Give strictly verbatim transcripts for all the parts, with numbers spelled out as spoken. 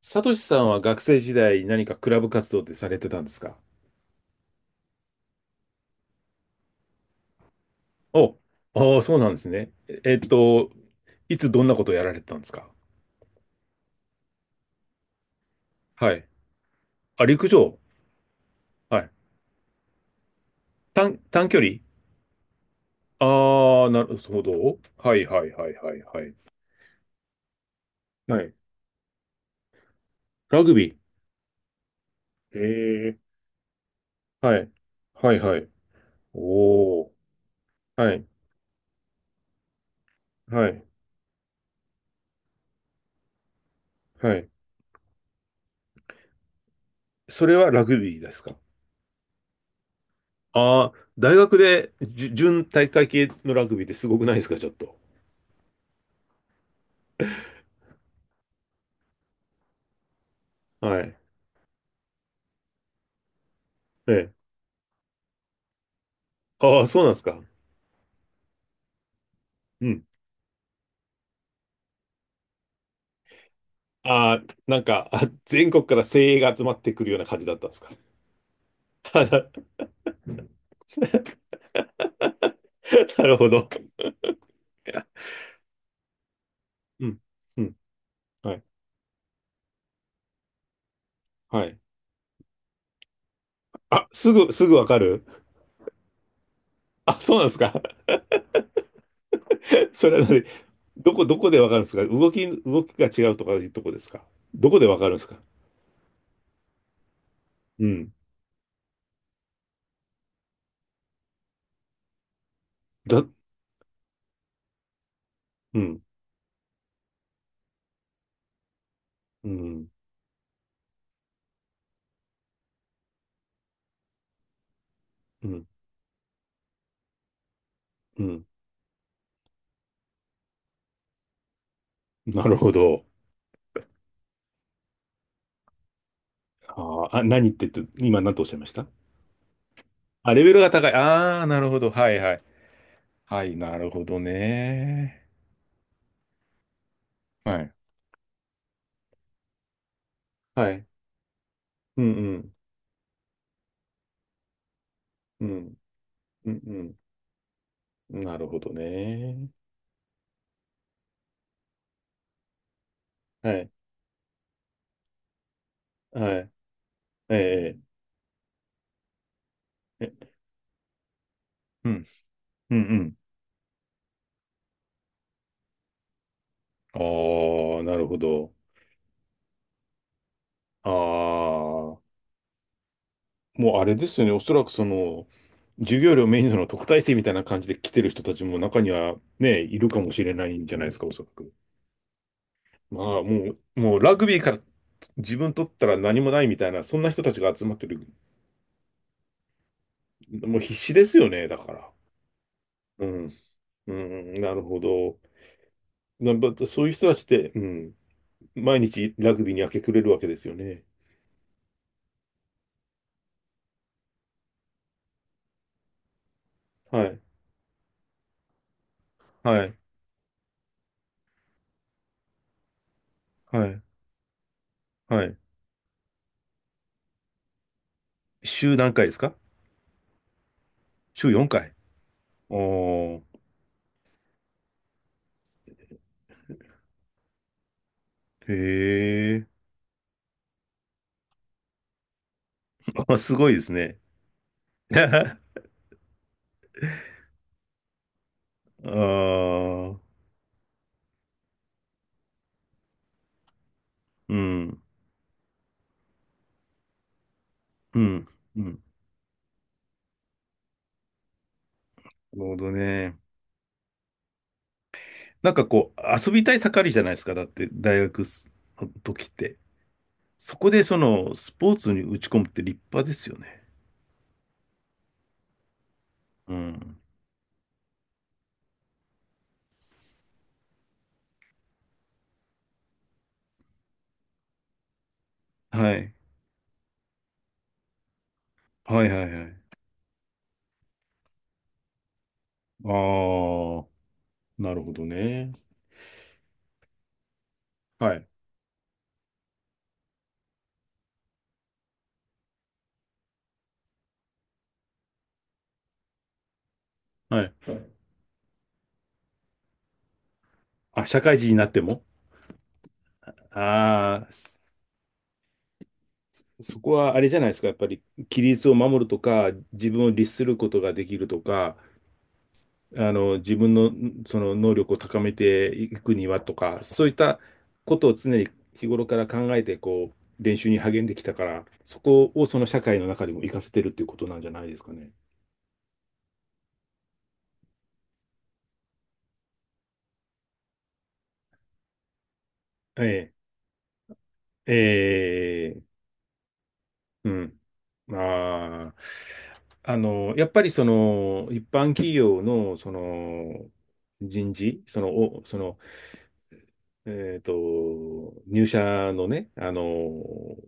サトシさんは学生時代何かクラブ活動ってされてたんですか？お、ああ、そうなんですね。ええっと、いつどんなことをやられてたんですか？はい。あ、陸上。はい。短、短距離。ああー、なるほど。はいはいはいはいはい。はい。ラグビー。へえ。はい。はいはい。おお。はい。はい。はい。それはラグビーですか？ああー、大学でじゅ準体育会系のラグビーってすごくないですかちょっと。はい。ええ。ああ、そうなんですか。うん。ああ、なんか、あ、全国から精鋭が集まってくるような感じだったんですか。あな、 なるほど。うん。うん。はい。はい。あ、すぐ、すぐわかる。あ、そうなんですか。それは何？どこ、どこでわかるんですか？動き、動きが違うとかいうとこですか？どこでわかるんですか？うん。だ、うん。うん。うん。うん。なるほど。あーあ、何って言って、今何とおっしゃいました？あ、レベルが高い。ああ、なるほど。はいはい。はい、なるほどね。はい。はい。うんうん。うん。うんうん。なるほどね。はい。はい。ええ。え、うん。うんうん。ああ、なるほど。ああ、もうあれですよね。おそらくその、授業料メインの特待生みたいな感じで来てる人たちも中にはね、いるかもしれないんじゃないですか、おそらく。まあ、もう、もうラグビーから自分取ったら何もないみたいな、そんな人たちが集まってる。もう必死ですよね、だから。うん。うん、なるほど。なまそういう人たちって、うん、毎日ラグビーに明け暮れるわけですよね。はい、はい、はい、はい。週何回ですか？週よんかい。おー、へえ。あ、すごいですね。ああ、うん、うん、うん。なるほどね。なんかこう、遊びたい盛りじゃないですか。だって、大学の時って。そこでその、スポーツに打ち込むって立派ですよね。うん。はい。はいはいはい。ああ。なるほどね。はい。はい。あ、社会人になっても。ああー、そそこはあれじゃないですか。やっぱり、規律を守るとか、自分を律することができるとか、あの、自分の、その能力を高めていくにはとか、そういったことを常に日頃から考えて、こう、練習に励んできたから、そこをその社会の中でも活かせてるっていうことなんじゃないですかね。ええ。ええ。うん。ああ、あの、やっぱりその、一般企業の、その、人事、その、お、その、えっと、入社のね、あの、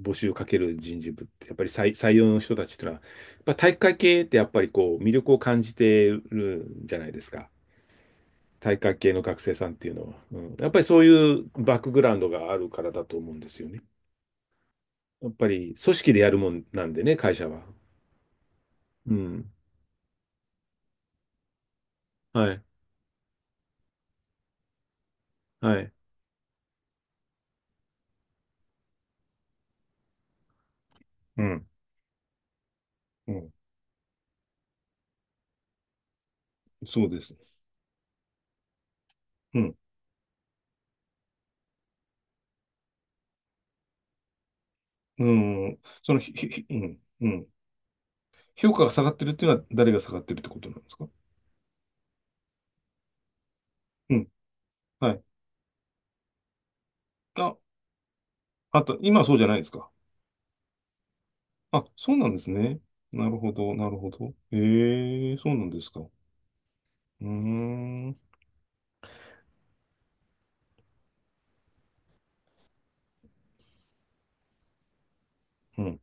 募集かける人事部って、やっぱり採、採用の人たちってのは、やっぱ体育会系ってやっぱりこう、魅力を感じてるんじゃないですか。体育会系の学生さんっていうのは。うん、やっぱりそういうバックグラウンドがあるからだと思うんですよね。やっぱり組織でやるもんなんでね、会社は。うん。はい。はい。うんうん、そうです。うん。うん。その、ひ、ひ、ひうん、うん。評価が下がってるっていうのは誰が下がってるってことなんですか？うん。はい。あ、あと、今はそうじゃないですか。あ、そうなんですね。なるほど、なるほど。ええ、そうなんですか。うーん。うん。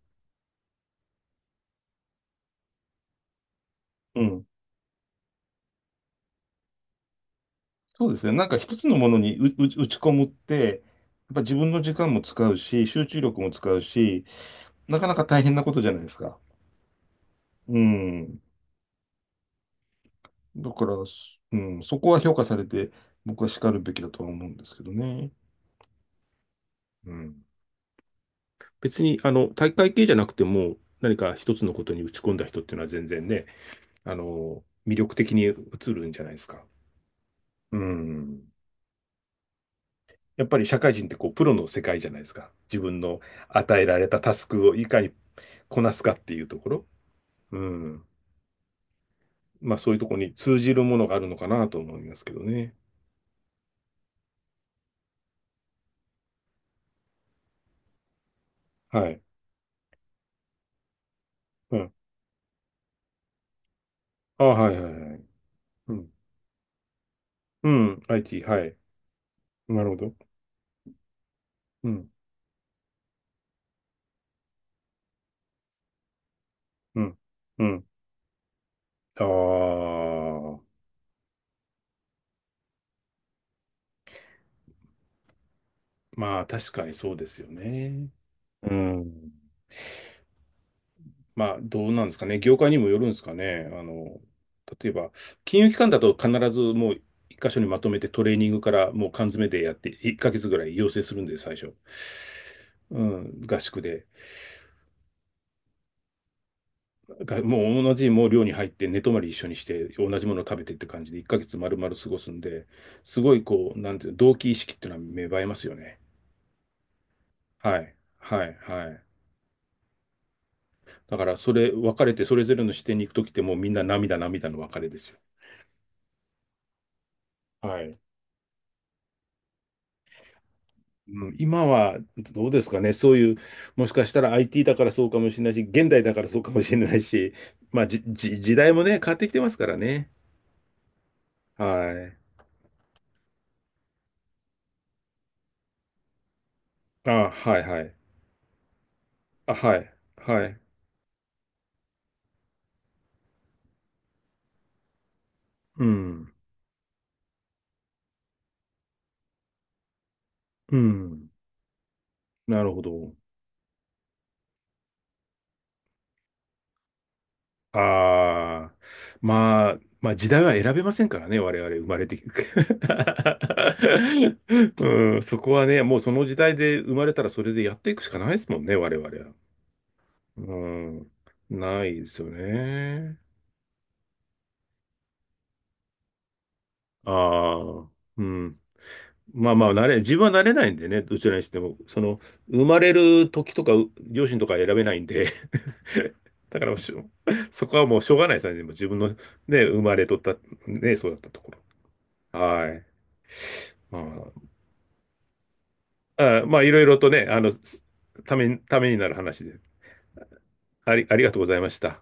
うん。そうですね。なんか一つのものにう、う、打ち込むって、やっぱ自分の時間も使うし、集中力も使うし、なかなか大変なことじゃないですか。うん。だから、うん、そこは評価されて、僕は叱るべきだとは思うんですけどね。うん。別に、あの、大会系じゃなくても、何か一つのことに打ち込んだ人っていうのは全然ね、あの、魅力的に映るんじゃないですか。うん。やっぱり社会人ってこう、プロの世界じゃないですか。自分の与えられたタスクをいかにこなすかっていうところ。うん。まあ、そういうところに通じるものがあるのかなと思いますけどね。はい。うん。あ、はいはいはい。うん。うん。アイティー、はい。なるほど。うん、うん、うん。ああ、まあ確かにそうですよね。うん。まあどうなんですかね。業界にもよるんですかね。あの、例えば、金融機関だと必ずもう一箇所にまとめてトレーニングからもう缶詰でやっていっかげつぐらい養成するんで、最初。うん、合宿で。がもう同じもう寮に入って寝泊まり一緒にして同じものを食べてって感じでいっかげつ丸々過ごすんで、すごいこう、なんていうの、同期意識っていうのは芽生えますよね。はい、はい、はい。だから、それ、別れてそれぞれの視点に行くときってもうみんな涙涙の別れですよ。はい。うん、今はどうですかね、そういう、もしかしたら アイティー だからそうかもしれないし、現代だからそうかもしれないし、まあ、じ、じ、時代もね、変わってきてますからね。はい。あ、はいはい。あ、はい。はい。うん。うん。なるほど。ああ、まあ、まあ時代は選べませんからね、我々生まれてきて。うん、そこはね、もうその時代で生まれたらそれでやっていくしかないですもんね、我々は。うん、ないですよね。ああ、うん。まあまあ、慣れ、自分は慣れないんでね、どちらにしても、その、生まれる時とか、う両親とか選べないんで、だからしょそこはもうしょうがないですね、でも自分のね、生まれとった、ね、そうだったところ。はい。うん。あまあ、いろいろとね、あの、ために、ためになる話で、あり、ありがとうございました。